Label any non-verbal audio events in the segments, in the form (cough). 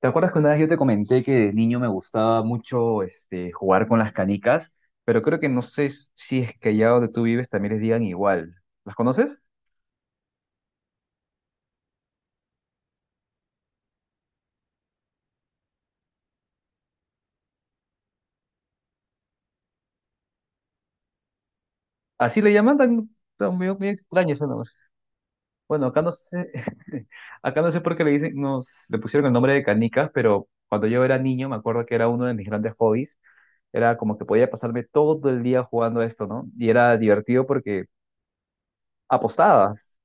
¿Te acuerdas que una vez yo te comenté que de niño me gustaba mucho jugar con las canicas? Pero creo que no sé si es que allá donde tú vives también les digan igual. ¿Las conoces? Así le llaman, tan medio, medio extraño ese nombre. Bueno, acá no sé, (laughs) acá no sé por qué le dicen, nos le pusieron el nombre de canicas, pero cuando yo era niño me acuerdo que era uno de mis grandes hobbies. Era como que podía pasarme todo el día jugando a esto, ¿no? Y era divertido porque apostabas.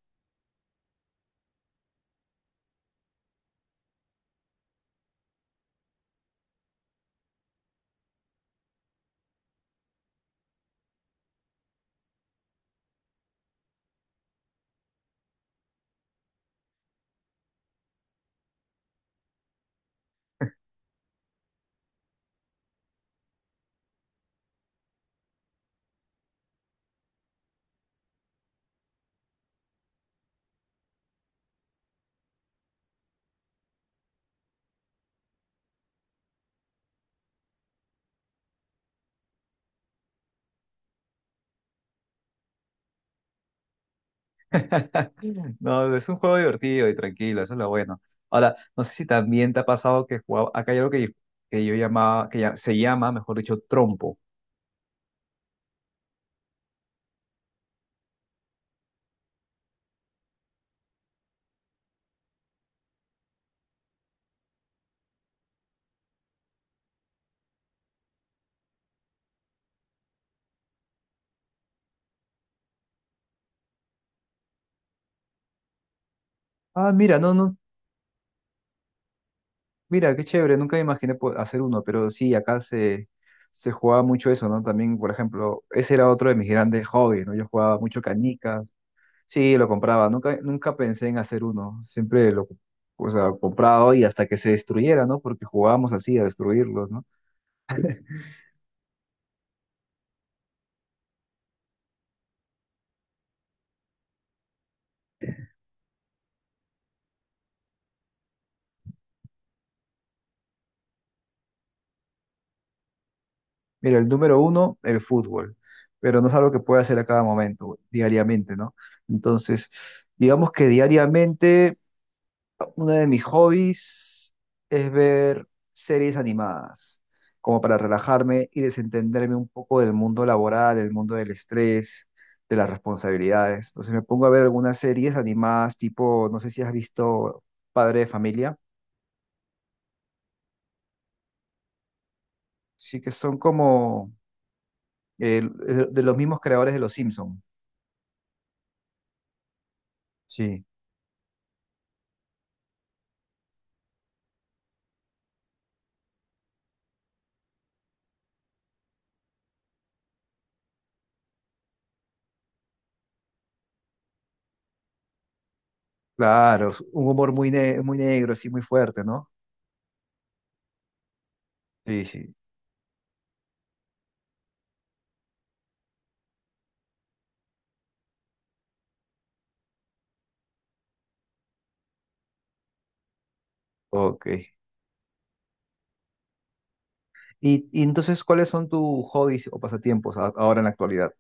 (laughs) No, es un juego divertido y tranquilo, eso es lo bueno. Ahora, no sé si también te ha pasado que jugaba, acá hay algo que yo llamaba, se llama, mejor dicho, trompo. Ah, mira, no, no, mira, qué chévere, nunca me imaginé hacer uno, pero sí, se jugaba mucho eso, ¿no? También, por ejemplo, ese era otro de mis grandes hobbies, ¿no? Yo jugaba mucho canicas, sí, lo compraba, nunca, nunca pensé en hacer uno, siempre lo, o sea, compraba y hasta que se destruyera, ¿no? Porque jugábamos así, a destruirlos, ¿no? Mira, el número uno, el fútbol, pero no es algo que pueda hacer a cada momento, diariamente, ¿no? Entonces, digamos que diariamente uno de mis hobbies es ver series animadas, como para relajarme y desentenderme un poco del mundo laboral, del mundo del estrés, de las responsabilidades. Entonces me pongo a ver algunas series animadas, tipo, no sé si has visto Padre de Familia, sí que son como de los mismos creadores de Los Simpson, sí. Claro, es un humor muy, muy negro, así muy fuerte, ¿no? Sí, sí, ok. Y entonces, ¿cuáles son tus hobbies o pasatiempos ahora en la actualidad?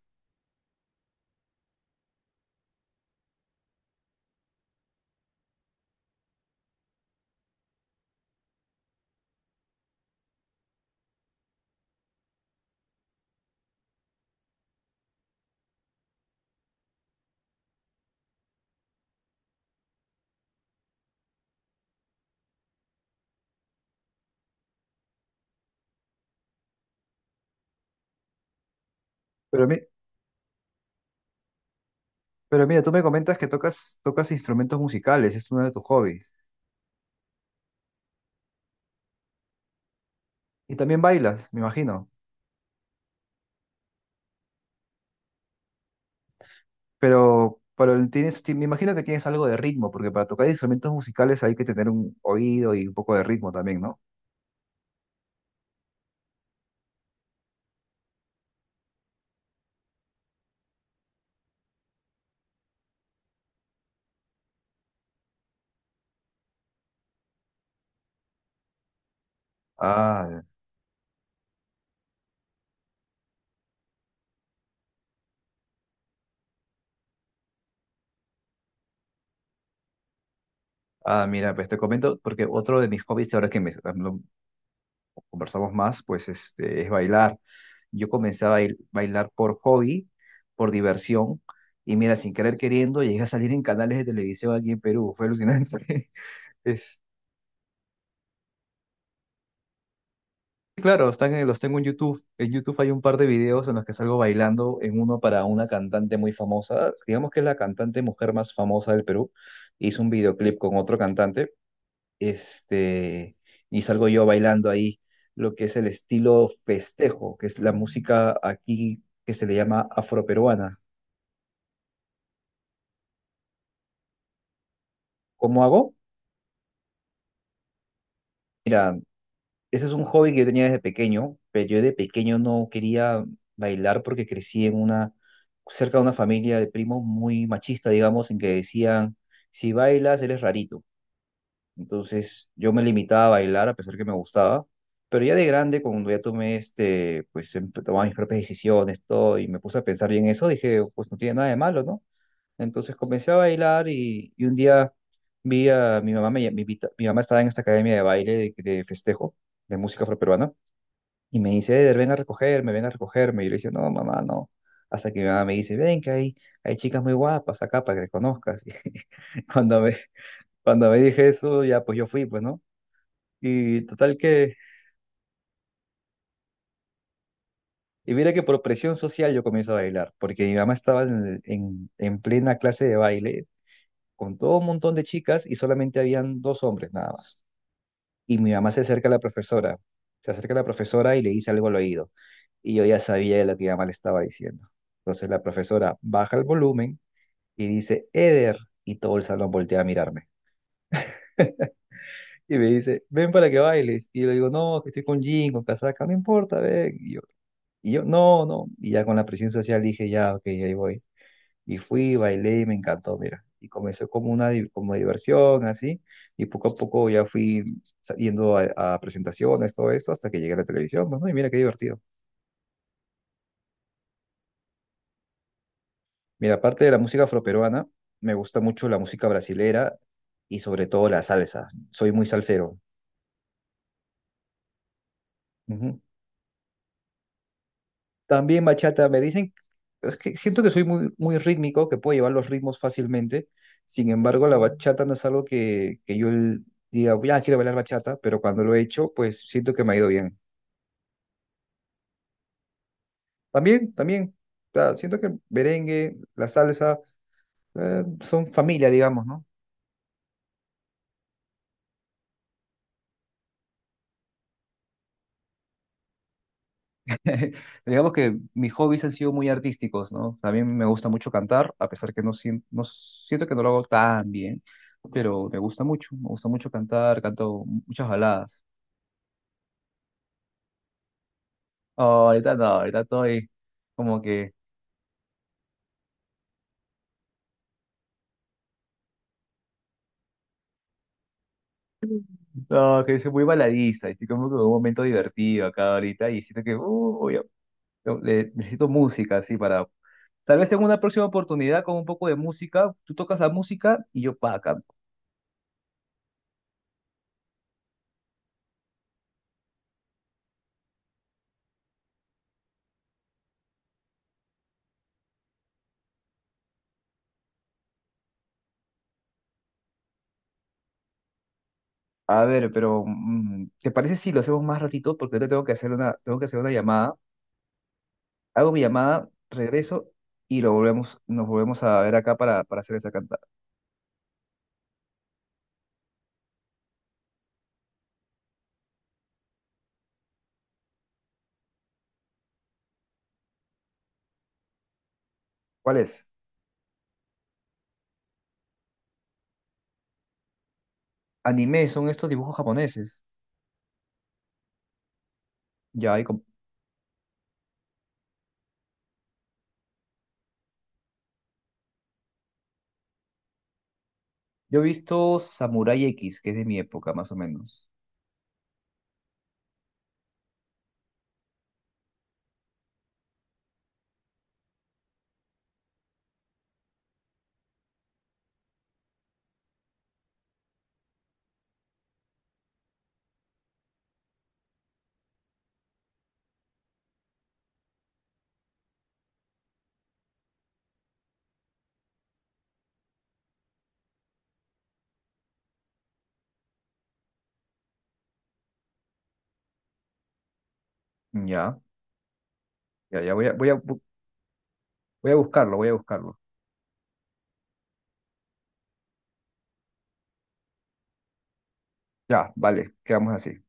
Pero, pero mira, tú me comentas que tocas, tocas instrumentos musicales, es uno de tus hobbies. Y también bailas, me imagino. Pero tienes, me imagino que tienes algo de ritmo, porque para tocar instrumentos musicales hay que tener un oído y un poco de ritmo también, ¿no? Ah, ah, mira, pues te comento, porque otro de mis hobbies, ahora que me, conversamos más, pues es bailar. Yo comencé a bailar por hobby, por diversión, y mira, sin querer queriendo, llegué a salir en canales de televisión aquí en Perú, fue alucinante. (laughs) Es, sí, claro, los tengo en YouTube. En YouTube hay un par de videos en los que salgo bailando, en uno para una cantante muy famosa, digamos que es la cantante mujer más famosa del Perú. Hizo un videoclip con otro cantante este, y salgo yo bailando ahí lo que es el estilo festejo, que es la música aquí que se le llama afroperuana. ¿Cómo hago? Ese es un hobby que yo tenía desde pequeño, pero yo de pequeño no quería bailar porque crecí en una, cerca de una familia de primos muy machista, digamos, en que decían, si bailas eres rarito. Entonces yo me limitaba a bailar a pesar que me gustaba, pero ya de grande, cuando ya tomé pues tomaba mis propias decisiones, todo, y me puse a pensar bien eso, dije, pues no tiene nada de malo, ¿no? Entonces comencé a bailar y un día vi a mi mamá, me, mi mamá estaba en esta academia de baile de festejo, de música afroperuana, y me dice, Eder, ven a recogerme, y yo le decía, no, mamá, no. Hasta que mi mamá me dice, ven que hay chicas muy guapas acá para que conozcas. (laughs) Y cuando me dije eso, ya pues yo fui, pues, ¿no? Y total que, y mira que por presión social yo comienzo a bailar, porque mi mamá estaba en plena clase de baile con todo un montón de chicas y solamente habían dos hombres nada más. Y mi mamá se acerca a la profesora, se acerca a la profesora y le dice algo al oído. Y yo ya sabía de lo que mi mamá le estaba diciendo. Entonces la profesora baja el volumen y dice, Eder, y todo el salón voltea a mirarme. (laughs) Y me dice, ven para que bailes. Y yo le digo, no, que estoy con jean, con casaca, no importa, ven. Y yo, no, no. Y ya con la presión social dije, ya, ok, ahí voy. Y fui, bailé y me encantó, mira. Y comenzó como una como diversión, así. Y poco a poco ya fui yendo a presentaciones, todo eso, hasta que llegué a la televisión. Bueno, y mira qué divertido. Mira, aparte de la música afroperuana, me gusta mucho la música brasilera y sobre todo la salsa. Soy muy salsero. Ujú. También bachata, me dicen, es que siento que soy muy, muy rítmico, que puedo llevar los ritmos fácilmente. Sin embargo, la bachata no es algo que yo diga, ya quiero bailar bachata, pero cuando lo he hecho, pues siento que me ha ido bien. También, también, o sea, siento que el merengue, la salsa, son familia, digamos, ¿no? (laughs) Digamos que mis hobbies han sido muy artísticos, ¿no? También me gusta mucho cantar, a pesar que no, no siento que no lo hago tan bien, pero me gusta mucho cantar, canto muchas baladas. Oh, ahorita no, ahorita estoy como que, no, que soy muy baladiza, estoy como que en un momento divertido acá ahorita y siento que, no, necesito música así para, tal vez en una próxima oportunidad con un poco de música, tú tocas la música y yo pa' acá. A ver, pero ¿te parece si lo hacemos más ratito? Porque ahorita tengo que hacer una, tengo que hacer una llamada. Hago mi llamada, regreso y lo volvemos, nos volvemos a ver acá para hacer esa cantada. ¿Cuál es? Anime, son estos dibujos japoneses. Ya, ahí yo he visto Samurai X, que es de mi época, más o menos. Ya, ya, ya voy a, voy a, voy a buscarlo, voy a buscarlo. Ya, vale, quedamos así.